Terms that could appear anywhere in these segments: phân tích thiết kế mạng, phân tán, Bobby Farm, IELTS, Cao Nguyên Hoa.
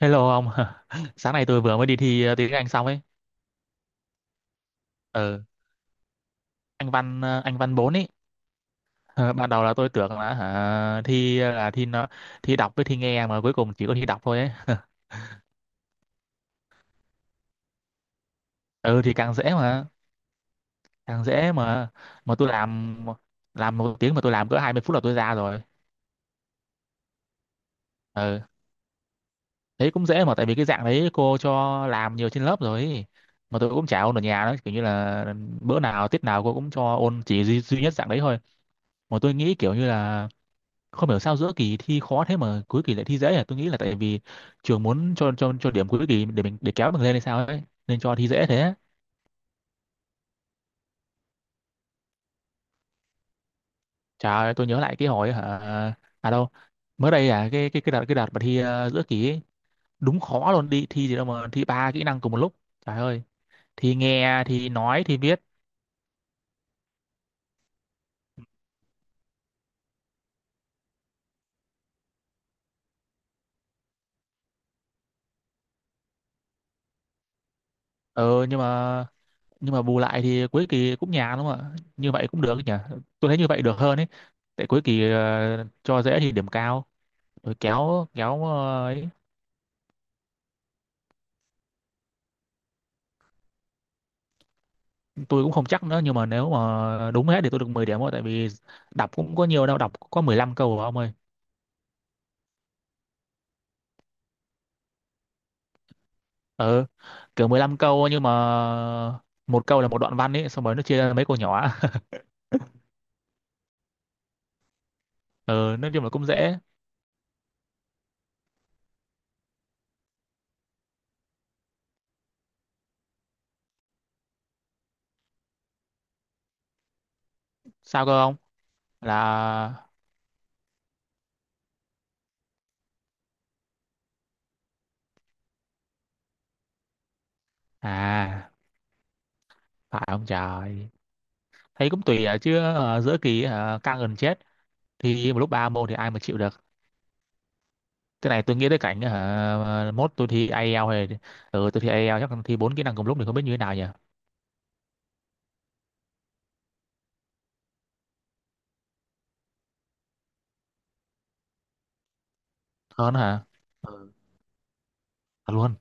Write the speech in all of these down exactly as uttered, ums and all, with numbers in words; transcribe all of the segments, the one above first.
Hello ông, sáng nay tôi vừa mới đi thi ờ, tiếng Anh xong ấy. Ờ, anh văn ờ, anh văn Bốn ấy. Ờ, ban đầu là tôi tưởng là hả, thi ờ, là thi nó thi đọc với thi nghe mà cuối cùng chỉ có thi đọc thôi ấy. Ừ thì càng dễ mà, càng dễ mà mà tôi làm làm một tiếng mà tôi làm cỡ hai mươi phút là tôi ra rồi. Ờ, đấy cũng dễ mà tại vì cái dạng đấy cô cho làm nhiều trên lớp rồi ấy. Mà tôi cũng chả ôn ở nhà đó, kiểu như là bữa nào tiết nào cô cũng cho ôn chỉ duy, duy nhất dạng đấy thôi. Mà tôi nghĩ kiểu như là không hiểu sao giữa kỳ thi khó thế mà cuối kỳ lại thi dễ, à tôi nghĩ là tại vì trường muốn cho cho cho điểm cuối kỳ để mình để kéo mình lên hay sao ấy nên cho thi dễ thế. Trời ơi, tôi nhớ lại cái hồi hả à đâu mới đây, à cái cái cái đợt cái đợt mà thi ờ, giữa kỳ ấy, đúng khó luôn, đi thi gì đâu mà thi ba kỹ năng cùng một lúc. Trời ơi, thi nghe thi nói thi viết. ờ nhưng mà nhưng mà bù lại thì cuối kỳ cũng nhàn đúng không ạ? Như vậy cũng được nhỉ, tôi thấy như vậy được hơn ấy. Tại cuối kỳ ờ, cho dễ thì điểm cao rồi kéo kéo ờ, ấy. Tôi cũng không chắc nữa nhưng mà nếu mà đúng hết thì tôi được mười điểm thôi, tại vì đọc cũng có nhiều đâu, đọc có mười lăm câu rồi ông ơi. Ừ, kiểu mười lăm câu nhưng mà một câu là một đoạn văn ấy xong rồi nó chia ra mấy câu nhỏ. Ừ, nói chung là cũng dễ. Sao cơ ông? Là à phải ông trời, thấy cũng tùy à, chứ ờ, giữa kỳ ờ, căng gần chết, thì một lúc ba môn thì ai mà chịu được. Cái này tôi nghĩ tới cảnh uh, mốt tôi thi ai eo hay ừ tôi thi ai eo chắc là thi bốn kỹ năng cùng lúc thì không biết như thế nào nhỉ. Hơn hả? Thật luôn,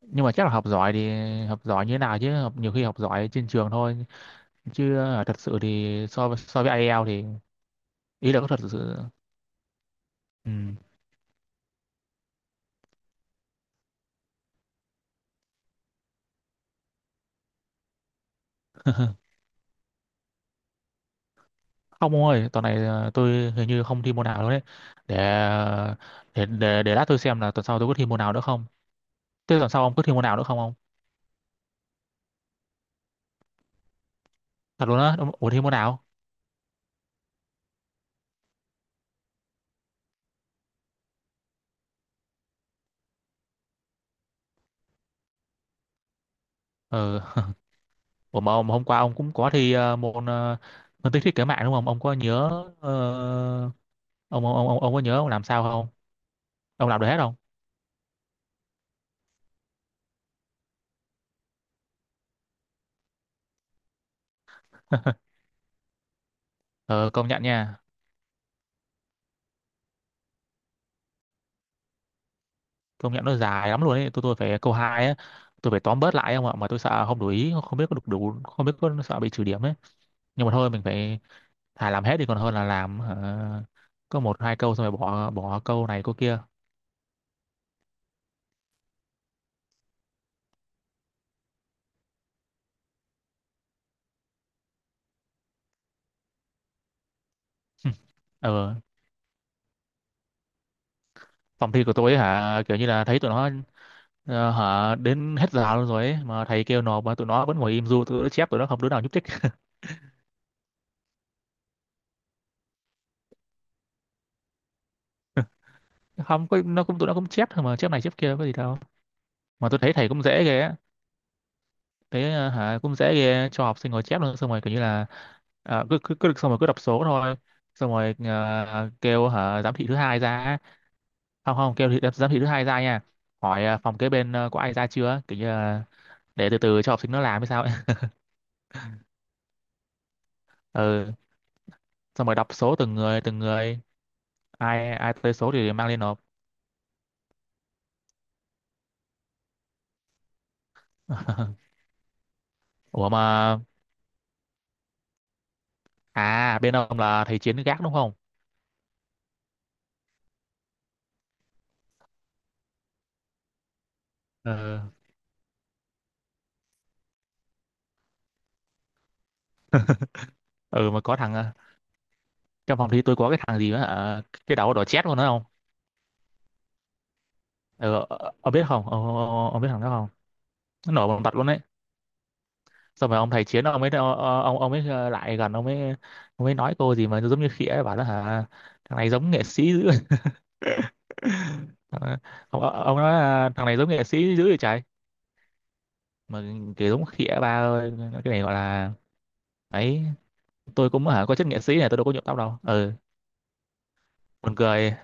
nhưng mà chắc là học giỏi thì học giỏi như thế nào, chứ học nhiều khi học giỏi trên trường thôi, chứ ờ, thật sự thì so với so với ai eo thì ý là có thật sự. Ừ. Không ông ơi, tuần này ờ, tôi hình như không thi môn nào luôn đấy. Để ờ, để để để lát tôi xem là tuần sau tôi có thi môn nào nữa không. Thế tuần sau ông có thi môn nào nữa không ông? Thật luôn á ông, ủa thi môn nào? Ừ. Ủa mà ông hôm qua ông cũng có thi ờ, môn ờ, phân tích thiết kế mạng đúng không ông, có nhớ? Ờ, ông, ông ông ông có nhớ ông làm sao không? Ông làm được hết không? Ờ công nhận nha. Công nhận nó dài lắm luôn ấy, tôi tôi phải câu hai á. Tôi phải tóm bớt lại không ạ, mà tôi sợ không đủ ý, không biết có được đủ không, biết có sợ bị trừ điểm ấy. Nhưng mà thôi mình phải thà làm hết đi còn hơn là làm hả, có một hai câu xong rồi bỏ bỏ câu này câu kia. Ờ, phòng thi của tôi ấy, hả kiểu như là thấy tụi nó ờ, hả đến hết giờ luôn rồi ấy mà thầy kêu nộp mà tụi nó vẫn ngồi im du tụi nó chép, tụi nó không đứa nào nhúc nhích. Không có, nó cũng tụi nó cũng chép thôi mà, chép này chép kia có gì đâu. Mà tôi thấy thầy cũng dễ ghê á. Thế à, hả cũng dễ ghê cho học sinh ngồi chép luôn xong rồi kiểu như là à, cứ, cứ cứ xong rồi cứ đọc số thôi. Xong rồi à, kêu hả giám thị thứ hai ra. Không không, kêu thị, giám thị thứ hai ra nha. Hỏi à, phòng kế bên à, có ai ra chưa kiểu như là để từ từ cho học sinh nó làm hay sao ấy. Ừ, xong rồi đọc số từng người từng người, ai ai tới số thì mang lên nộp. Ủa mà à, bên ông là thầy Chiến gác đúng không? Ừ ừ, mà có thằng à, trong phòng thi tôi có cái thằng gì mà hả cái đầu đỏ chét luôn đó. Ờ, ờ, ờ, ông biết không? Ông, ông, ông biết thằng đó không? Nó nổi bằng mặt luôn đấy. Xong rồi ông thầy Chiến ông ấy, ông ông ấy ờ, lại gần ông mới ông mới nói cô gì mà giống như khỉ ấy, bảo là hả thằng này giống nghệ sĩ dữ. Ờ, Ông, ông nói là thằng này giống nghệ sĩ dữ vậy trời. Mà kiểu giống khỉ ấy, ba ơi. Cái này gọi là ấy, tôi cũng hả có chất nghệ sĩ này tôi đâu có nhuộm tóc đâu. Ừ, buồn cười.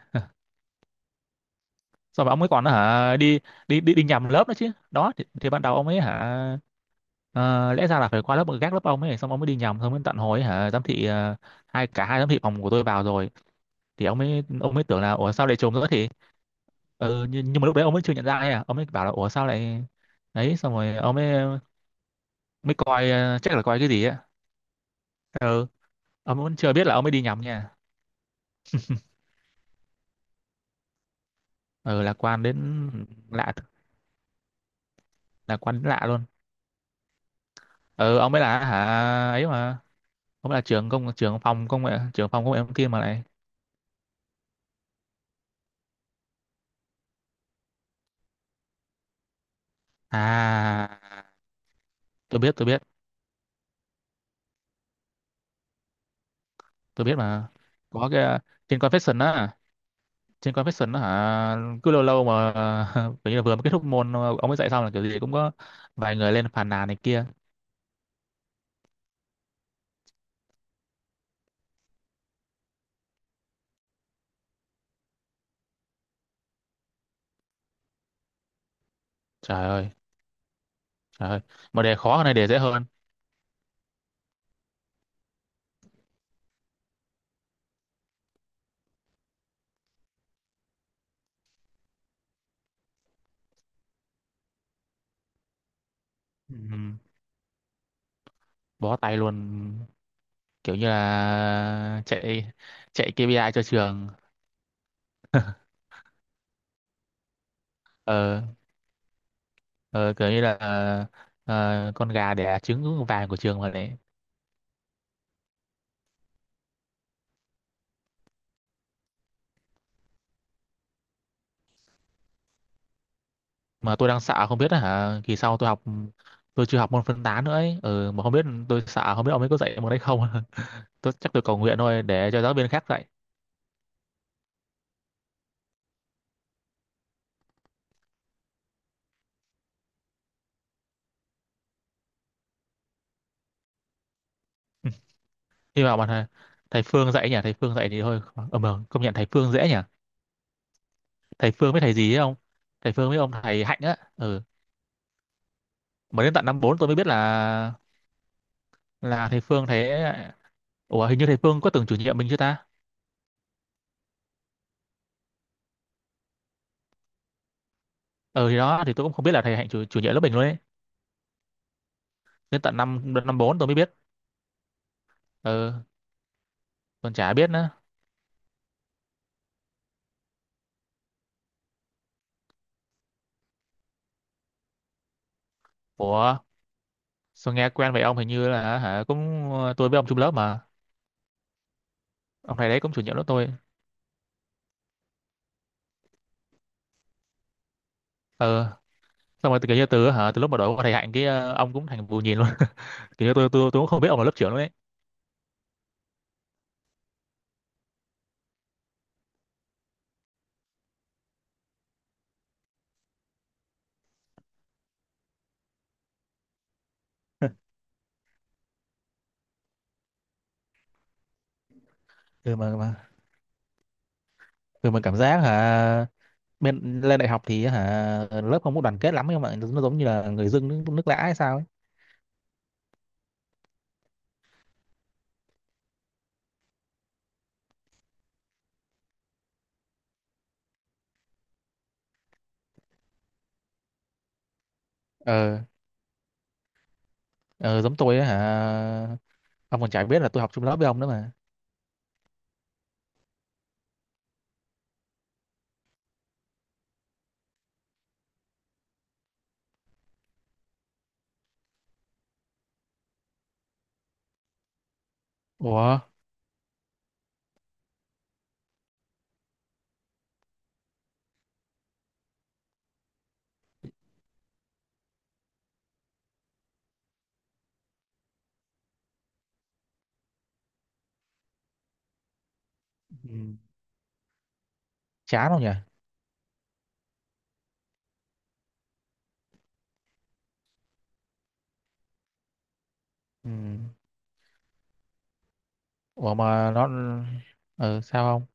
Xong rồi ông ấy còn hả đi đi đi đi nhầm lớp nữa chứ. Đó thì, thì ban đầu ông ấy hả Ờ, lẽ ra là phải qua lớp gác lớp ông ấy xong ông mới đi nhầm, xong mới tận hồi ấy, hả giám thị ờ, hai, cả hai giám thị phòng của tôi vào rồi thì ông mới ông mới tưởng là ủa sao lại trùng nữa thì ừ, nhưng, nhưng mà lúc đấy ông mới chưa nhận ra ấy à, ông mới bảo là ủa sao lại đấy xong rồi ông mới mới coi ờ, chắc là coi cái gì á. Ừ, ông vẫn chưa biết là ông mới đi nhầm nha. Ừ, lạc quan đến lạ lạc quan đến lạ luôn. Ừ, ông mới là hả ấy mà ông ấy là trưởng công trưởng phòng công nghệ, trưởng phòng công nghệ thông tin mà lại à. Tôi biết tôi biết tôi biết mà có cái à, trên confession á, trên confession á hả cứ lâu lâu mà. Kiểu như là vừa mới kết thúc môn ờ, ông ấy dạy xong là kiểu gì cũng có vài người lên phàn nàn này kia. Trời ơi, trời ơi, mà đề khó hơn này đề dễ hơn. Ừ. Bó tay luôn, kiểu như là chạy chạy kê pi ai cho trường. Ờ, ờ kiểu như là ờ, con gà đẻ trứng vàng của trường mà đấy. Mà tôi đang sợ không biết là hả kỳ sau tôi học, tôi chưa học môn phân tán nữa ấy, ừ, mà không biết, tôi sợ không biết ông ấy có dạy môn đấy không. Tôi chắc tôi cầu nguyện thôi để cho giáo viên khác dạy. Nhưng mà mà thầy, thầy Phương dạy nhỉ, thầy Phương dạy thì thôi. Ờ mà công nhận thầy Phương dễ nhỉ. Thầy Phương với thầy gì ấy, không, thầy Phương với ông thầy Hạnh á ừ. Mà đến tận năm bốn tôi mới biết là là thầy Phương thế. Ủa hình như thầy Phương có từng chủ nhiệm mình chưa ta? Ừ thì đó, thì tôi cũng không biết là thầy Hạnh chủ, chủ nhiệm lớp mình luôn ấy. Đến tận năm năm bốn tôi mới biết. Ừ, còn chả biết nữa. Ủa, sao nghe quen vậy ông, hình như là hả cũng tôi với ông chung lớp mà, ông thầy đấy cũng chủ nhiệm lớp tôi. Ờ, xong rồi từ kiểu như từ hả từ lúc mà đổi qua thầy Hạnh cái ờ, ông cũng thành bù nhìn luôn. Kiểu như tôi tôi tôi cũng không biết ông là lớp trưởng luôn đấy. Ừ. mà, mà ừ mà cảm giác hả bên lên đại học thì hả lớp không có đoàn kết lắm nhưng mà nó giống như là người dưng nước, nước lã hay sao ấy. Ờ, ờ giống tôi ấy, hả ông còn chả biết là tôi học chung lớp với ông nữa mà. Ủa, ừ. Chán không nhỉ? Ừ. Ủa mà nó ờ sao không?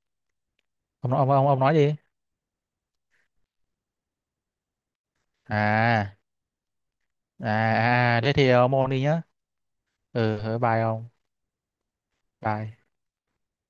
Ông nói ông ông ông nói đi. À, à, à thế thì ông môn đi nhá. Ừ ừ, bye ông. Bye.